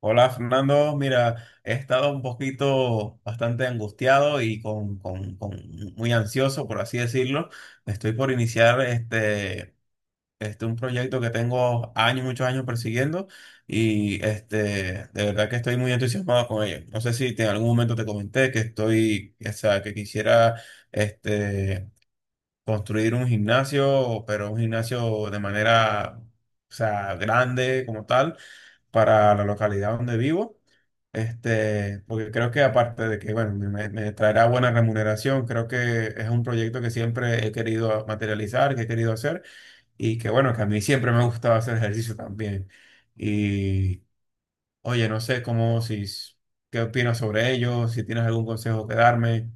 Hola Fernando, mira, he estado un poquito bastante angustiado y con muy ansioso, por así decirlo. Estoy por iniciar un proyecto que tengo años, muchos años persiguiendo y de verdad que estoy muy entusiasmado con ello. No sé si en algún momento te comenté que estoy, o sea, que quisiera este, construir un gimnasio, pero un gimnasio de manera, o sea, grande como tal para la localidad donde vivo. Porque creo que aparte de que, bueno, me traerá buena remuneración, creo que es un proyecto que siempre he querido materializar, que he querido hacer y que, bueno, que a mí siempre me ha gustado hacer ejercicio también. Y, oye, no sé cómo, si, qué opinas sobre ello, si tienes algún consejo que darme.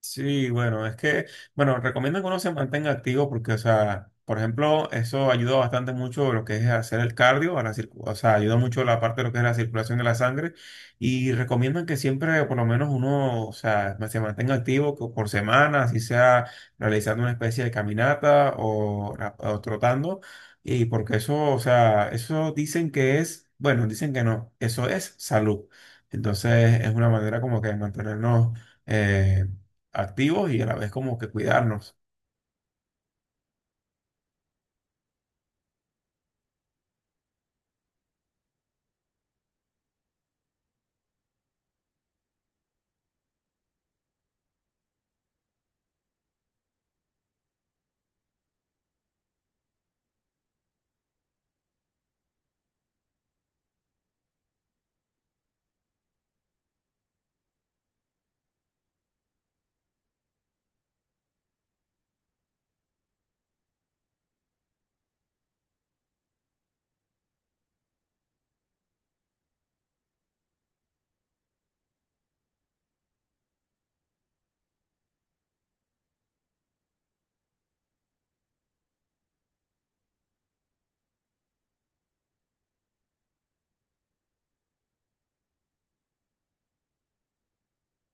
Sí, bueno, es que, bueno, recomiendo que uno se mantenga activo porque, o sea, por ejemplo, eso ayuda bastante mucho lo que es hacer el cardio, a la o sea, ayuda mucho la parte de lo que es la circulación de la sangre y recomiendan que siempre, por lo menos uno, o sea, se mantenga activo por semana, así sea realizando una especie de caminata o trotando y porque eso, o sea, eso dicen que es, bueno, dicen que no, eso es salud. Entonces, es una manera como que de mantenernos eh, activos y a la vez como que cuidarnos.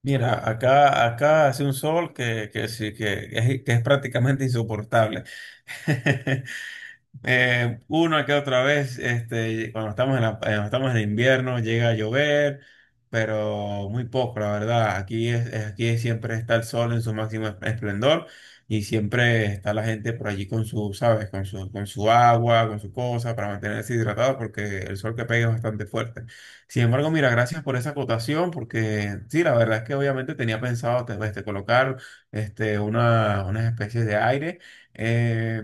Mira, acá, acá hace un sol que sí, que es prácticamente insoportable. Una que otra vez, cuando estamos en cuando estamos en invierno, llega a llover, pero muy poco, la verdad. Aquí es, aquí siempre está el sol en su máximo esplendor y siempre está la gente por allí con su, sabes, con su agua, con su cosa para mantenerse hidratado porque el sol que pega es bastante fuerte. Sin embargo, mira, gracias por esa acotación porque sí, la verdad es que obviamente tenía pensado colocar unas especies de aire. Eh,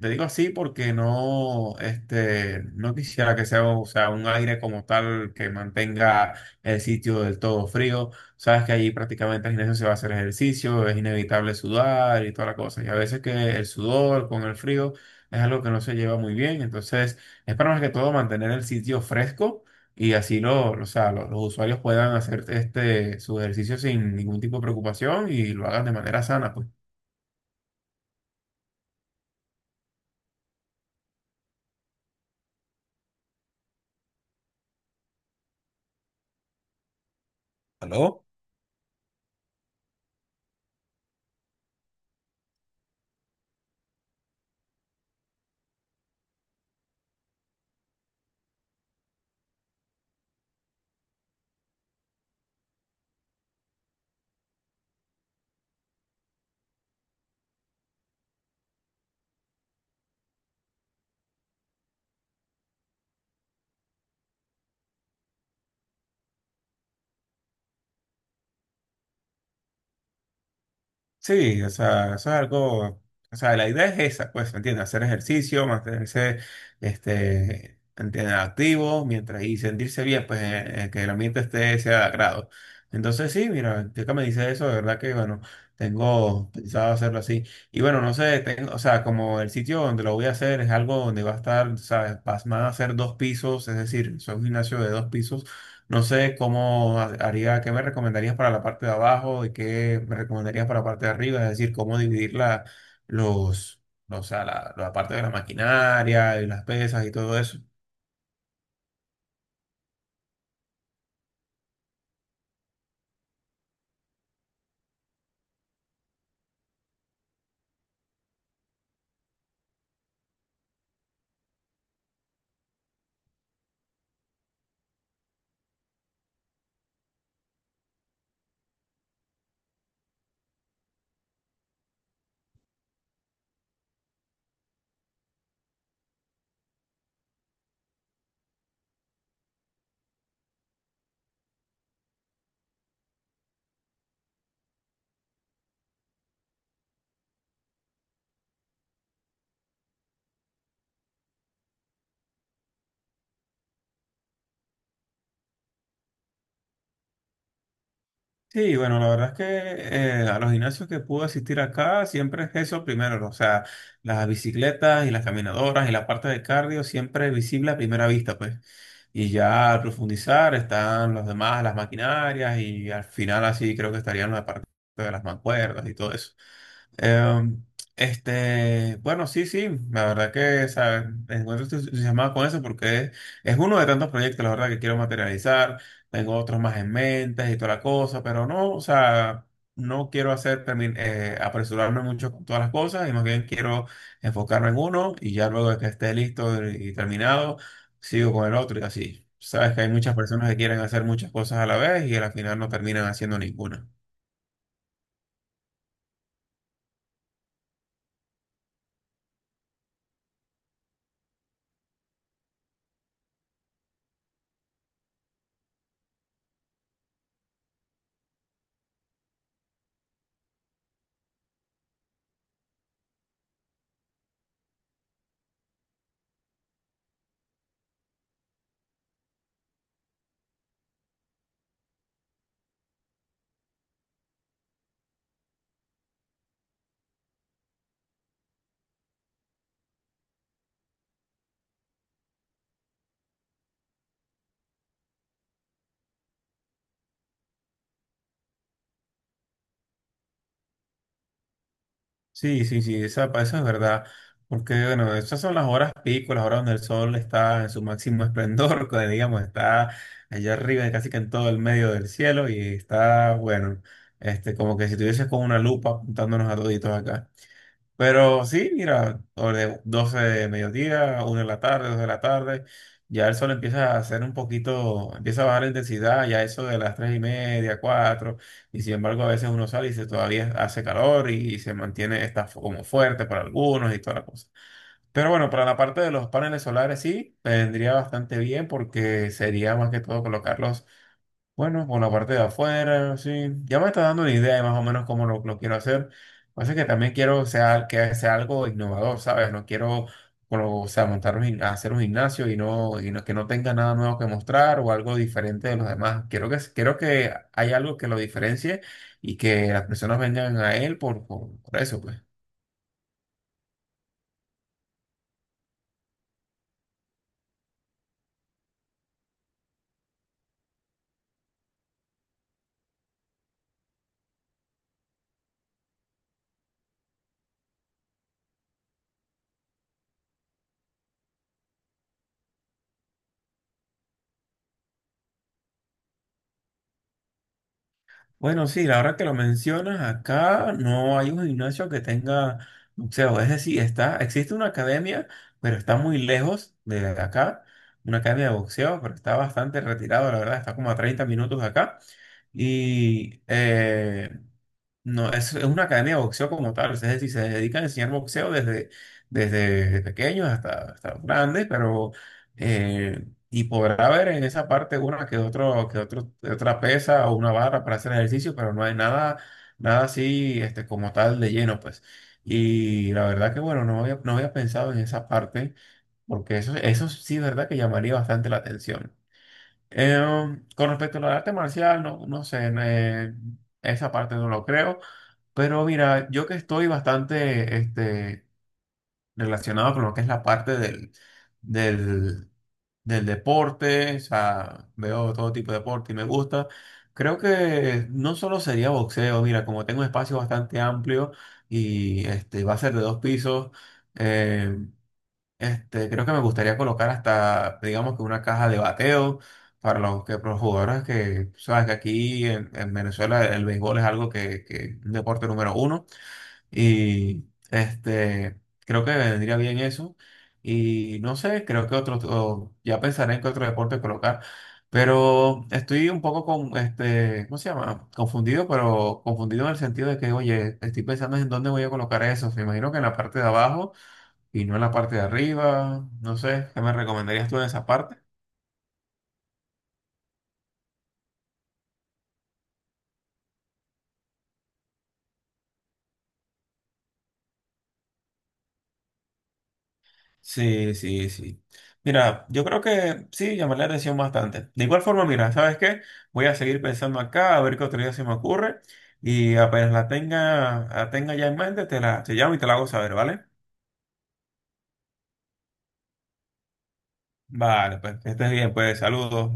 te digo así porque no, no quisiera que sea, o sea, un aire como tal que mantenga el sitio del todo frío. Sabes que allí prácticamente al gimnasio se va a hacer ejercicio, es inevitable sudar y toda la cosa. Y a veces que el sudor con el frío es algo que no se lleva muy bien. Entonces, es para más que todo mantener el sitio fresco y así lo, o sea, los usuarios puedan hacer su ejercicio sin ningún tipo de preocupación y lo hagan de manera sana, pues. ¿Aló? Sí, o sea, eso es algo, o sea, la idea es esa, pues, ¿me entiendes? Hacer ejercicio, mantenerse, ¿entiendes? Activo, mientras y sentirse bien, pues, que el ambiente esté, sea de agrado. Entonces, sí, mira, ya que me dice eso, de verdad que, bueno, tengo pensado hacerlo así. Y bueno, no sé, tengo, o sea, como el sitio donde lo voy a hacer es algo donde va a estar, ¿sabes? Van a ser 2 pisos, es decir, es un gimnasio de 2 pisos. No sé cómo haría, qué me recomendarías para la parte de abajo, de qué me recomendarías para la parte de arriba, es decir, cómo dividir los, o sea, la parte de la maquinaria y las pesas y todo eso. Sí, bueno, la verdad es que a los gimnasios que pude asistir acá siempre es eso primero, ¿no? O sea, las bicicletas y las caminadoras y la parte de cardio siempre es visible a primera vista, pues. Y ya al profundizar están los demás, las maquinarias y al final así creo que estarían la parte de las mancuerdas y todo eso. Em, bueno, sí, sí, la verdad que, ¿sabes? Me encuentro entusiasmado con eso porque es uno de tantos proyectos, la verdad, que quiero materializar. Tengo otros más en mente y toda la cosa, pero no, o sea, no quiero hacer, apresurarme mucho con todas las cosas y más bien quiero enfocarme en uno y ya luego de que esté listo y terminado, sigo con el otro y así. Sabes que hay muchas personas que quieren hacer muchas cosas a la vez y al final no terminan haciendo ninguna. Sí, sí, sí, eso es verdad, porque bueno, esas son las horas pico, las horas donde el sol está en su máximo esplendor, que digamos, está allá arriba, casi que en todo el medio del cielo, y está, bueno, como que si tuvieses con una lupa apuntándonos a toditos acá. Pero sí, mira, o de 12 de mediodía, 1 de la tarde, 2 de la tarde, ya el sol empieza a hacer un poquito, empieza a bajar la intensidad, ya eso de las 3:30, cuatro, y sin embargo a veces uno sale y se, todavía hace calor y, se mantiene, está como fuerte para algunos y toda la cosa. Pero bueno, para la parte de los paneles solares sí, vendría bastante bien porque sería más que todo colocarlos, bueno, por la parte de afuera, sí. Ya me está dando una idea de más o menos cómo lo quiero hacer. Así que también quiero que sea algo innovador, ¿sabes? No quiero, bueno, o sea, hacer un gimnasio y no que no tenga nada nuevo que mostrar o algo diferente de los demás. Quiero que haya algo que lo diferencie y que las personas vengan a él por eso, pues. Bueno, sí, la hora que lo mencionas, acá no hay un gimnasio que tenga boxeo. Es decir, existe una academia, pero está muy lejos de acá. Una academia de boxeo, pero está bastante retirado, la verdad, está como a 30 minutos de acá. Y no, es una academia de boxeo como tal, es decir, se dedican a enseñar boxeo desde pequeños hasta grandes, pero y podrá haber en esa parte una que otra pesa o una barra para hacer ejercicio, pero no hay nada así como tal de lleno, pues. Y la verdad que bueno, no había pensado en esa parte, porque eso sí, verdad que llamaría bastante la atención. Eh, con respecto al arte marcial, no, no sé, esa parte no lo creo. Pero mira, yo que estoy bastante relacionado con lo que es la parte del, del deporte, o sea, veo todo tipo de deporte y me gusta, creo que no solo sería boxeo, mira, como tengo un espacio bastante amplio y va a ser de 2 pisos, eh, creo que me gustaría colocar hasta, digamos que una caja de bateo para para los jugadores que, sabes que aquí en Venezuela el béisbol es algo que es un deporte número uno. Y creo que vendría bien eso. Y no sé, creo que otro, o ya pensaré en qué otro deporte colocar. Pero estoy un poco con, ¿cómo se llama? Confundido, pero confundido en el sentido de que, oye, estoy pensando en dónde voy a colocar eso. Me imagino que en la parte de abajo y no en la parte de arriba. No sé, ¿qué me recomendarías tú en esa parte? Sí, sí, sí. Mira, yo creo que sí, llamar la atención bastante. De igual forma, mira, ¿sabes qué? Voy a seguir pensando acá, a ver qué otro día se me ocurre. Y apenas la tenga ya en mente, te llamo y te la hago saber, ¿vale? Vale, pues que estés bien, pues saludos.